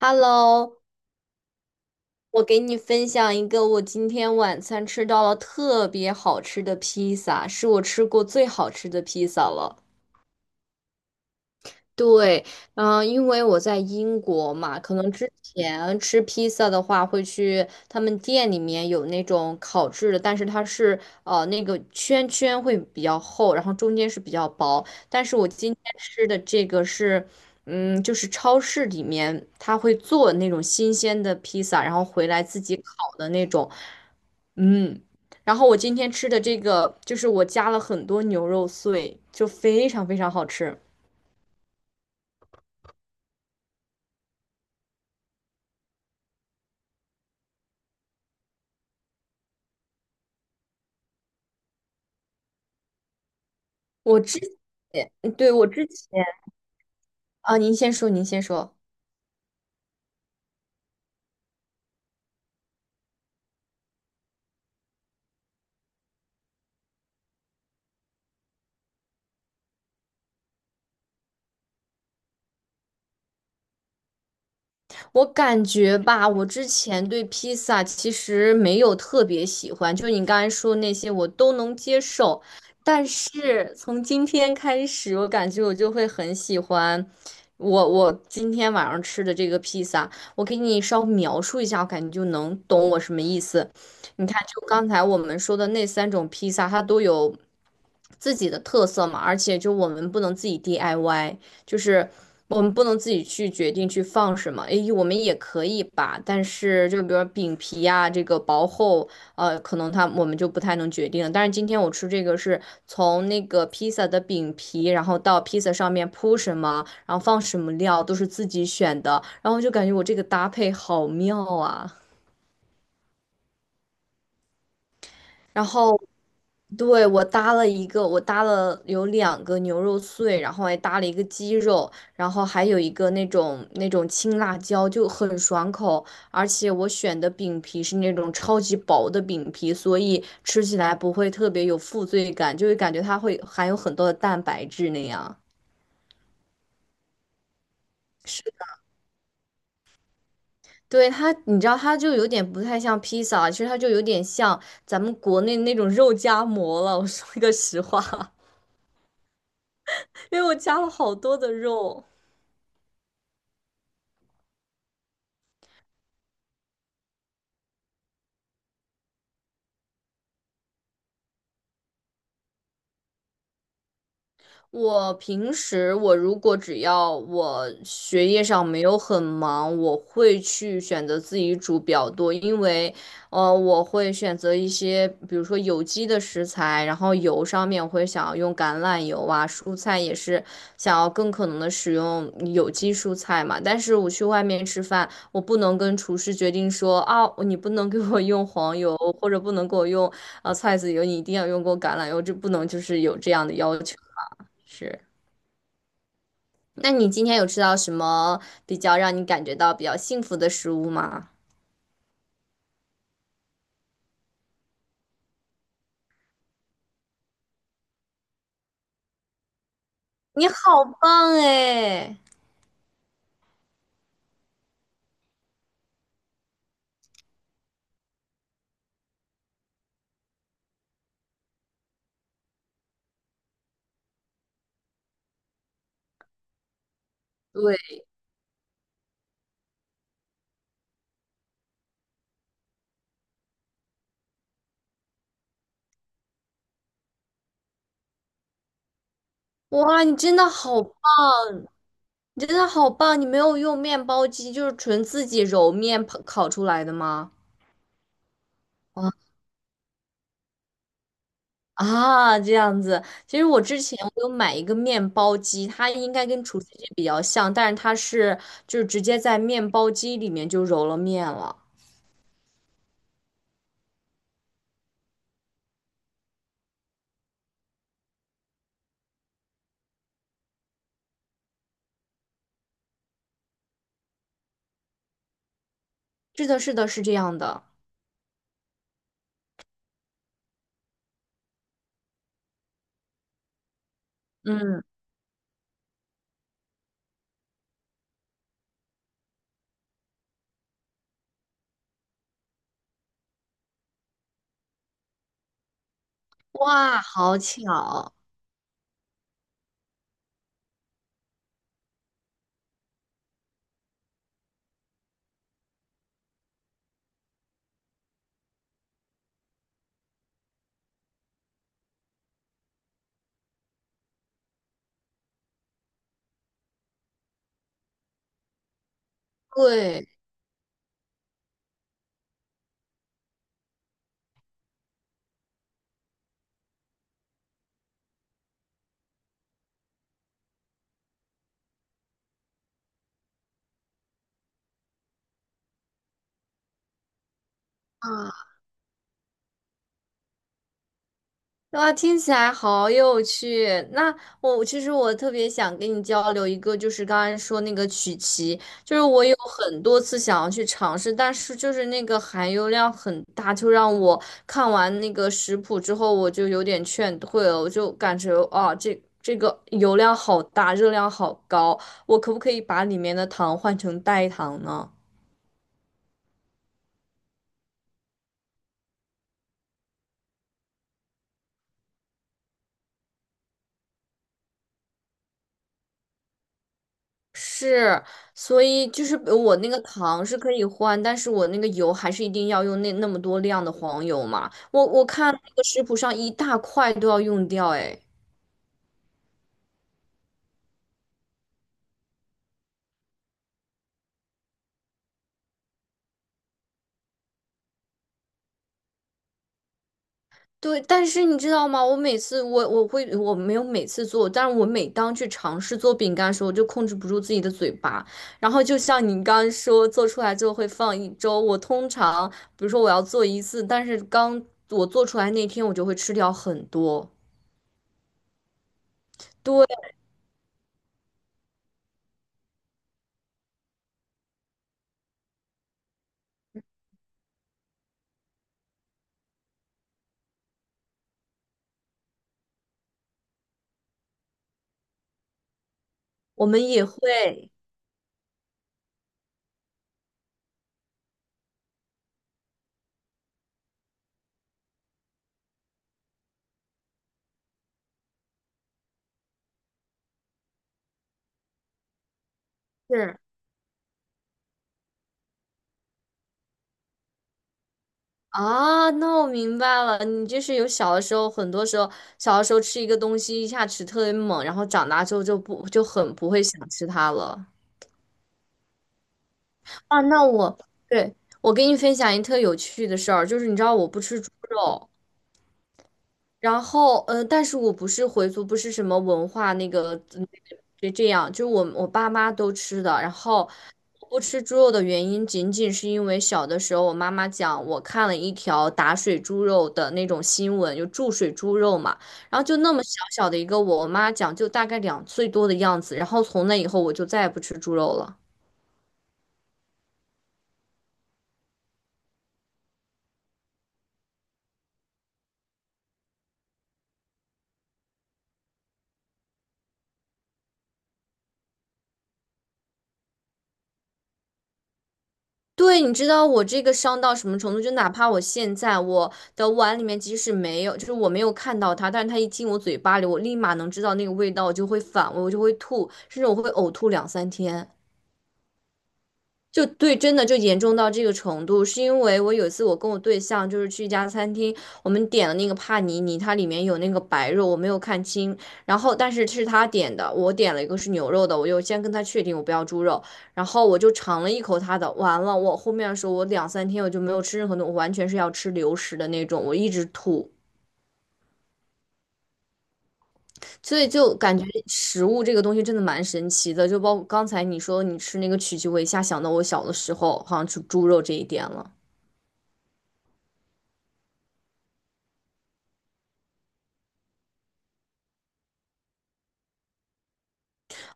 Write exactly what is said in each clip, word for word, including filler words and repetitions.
Hello，我给你分享一个我今天晚餐吃到了特别好吃的披萨，是我吃过最好吃的披萨了。对，嗯、因为我在英国嘛，可能之前吃披萨的话，会去他们店里面有那种烤制的，但是它是呃那个圈圈会比较厚，然后中间是比较薄。但是我今天吃的这个是，嗯，就是超市里面他会做那种新鲜的披萨，然后回来自己烤的那种，嗯。然后我今天吃的这个，就是我加了很多牛肉碎，就非常非常好吃。我之前，对，我之前啊，您先说，您先说。我感觉吧，我之前对披萨其实没有特别喜欢，就你刚才说那些我都能接受，但是从今天开始，我感觉我就会很喜欢我我今天晚上吃的这个披萨。我给你稍微描述一下，我感觉就能懂我什么意思。你看，就刚才我们说的那三种披萨，它都有自己的特色嘛，而且就我们不能自己 D I Y。就是我们不能自己去决定去放什么，诶，我们也可以吧，但是就比如说饼皮呀、这个薄厚，呃，可能它我们就不太能决定了，但是今天我吃这个是从那个披萨的饼皮，然后到披萨上面铺什么，然后放什么料，都是自己选的，然后就感觉我这个搭配好妙啊。然后对我搭了一个，我搭了有两个牛肉碎，然后还搭了一个鸡肉，然后还有一个那种那种青辣椒，就很爽口。而且我选的饼皮是那种超级薄的饼皮，所以吃起来不会特别有负罪感，就会感觉它会含有很多的蛋白质那样。是，对它，你知道它就有点不太像披萨，其实它就有点像咱们国内那种肉夹馍了。我说一个实话。因为我加了好多的肉。我平时我如果只要我学业上没有很忙，我会去选择自己煮比较多，因为呃我会选择一些比如说有机的食材，然后油上面我会想要用橄榄油啊，蔬菜也是想要更可能的使用有机蔬菜嘛。但是我去外面吃饭，我不能跟厨师决定说啊，你不能给我用黄油，或者不能给我用呃菜籽油，你一定要用过橄榄油，这不能就是有这样的要求。是，那你今天有吃到什么比较让你感觉到比较幸福的食物吗？你好棒哎！对，哇，你真的好棒，你真的好棒！你没有用面包机，就是纯自己揉面烤烤出来的吗？啊啊，这样子。其实我之前我有买一个面包机，它应该跟厨师机比较像，但是它是就是直接在面包机里面就揉了面了。是的，是的，是这样的。嗯，哇，好巧。对啊，哇，听起来好有趣。那我其实我特别想跟你交流一个，就是刚才说那个曲奇，就是我有很多次想要去尝试，但是就是那个含油量很大，就让我看完那个食谱之后，我就有点劝退了，我就感觉啊，这这个油量好大，热量好高，我可不可以把里面的糖换成代糖呢？是，所以就是呃我那个糖是可以换，但是我那个油还是一定要用那那么多量的黄油嘛。我我看那个食谱上一大块都要用掉，哎，对。但是你知道吗？我每次我我会我没有每次做，但是我每当去尝试做饼干的时候，我就控制不住自己的嘴巴。然后就像你刚刚说，做出来之后会放一周。我通常比如说我要做一次，但是刚我做出来那天我就会吃掉很多。对，我们也会。是。啊，那我明白了，你就是有小的时候，很多时候小的时候吃一个东西一下吃特别猛，然后长大之后就不就很不会想吃它了。啊，那我，对，我给你分享一特有趣的事儿，就是你知道我不吃猪肉，然后嗯，但是我不是回族，不是什么文化那个嗯这这样，就是我我爸妈都吃的，然后不吃猪肉的原因，仅仅是因为小的时候，我妈妈讲，我看了一条打水猪肉的那种新闻，就注水猪肉嘛。然后就那么小小的一个我，我妈讲就大概两岁多的样子。然后从那以后，我就再也不吃猪肉了。对，你知道我这个伤到什么程度？就哪怕我现在我的碗里面即使没有，就是我没有看到它，但是它一进我嘴巴里，我立马能知道那个味道，我就会反胃，我就会吐，甚至我会呕吐两三天。就对，真的就严重到这个程度，是因为我有一次我跟我对象就是去一家餐厅，我们点了那个帕尼尼，它里面有那个白肉，我没有看清，然后但是是他点的，我点了一个是牛肉的，我就先跟他确定我不要猪肉，然后我就尝了一口他的，完了，我后面的时候我两三天我就没有吃任何东西，我完全是要吃流食的那种，我一直吐，所以就感觉食物这个东西真的蛮神奇的，就包括刚才你说你吃那个曲奇，我一下想到我小的时候好像吃猪肉这一点了。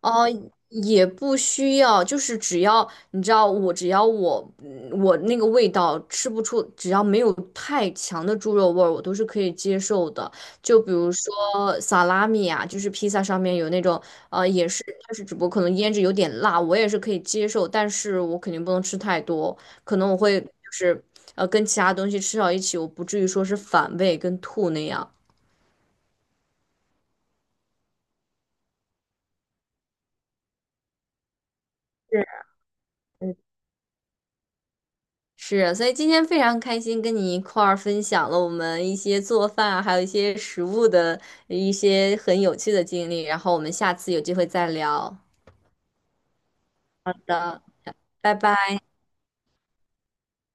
哦，也不需要，就是只要你知道我，只要我嗯我那个味道吃不出，只要没有太强的猪肉味儿，我都是可以接受的。就比如说萨拉米啊，就是披萨上面有那种呃，也是，但是只不过可能腌制有点辣，我也是可以接受，但是我肯定不能吃太多，可能我会就是呃跟其他东西吃到一起，我不至于说是反胃跟吐那样。是是，所以今天非常开心跟你一块儿分享了我们一些做饭啊，还有一些食物的一些很有趣的经历，然后我们下次有机会再聊。好的，拜拜。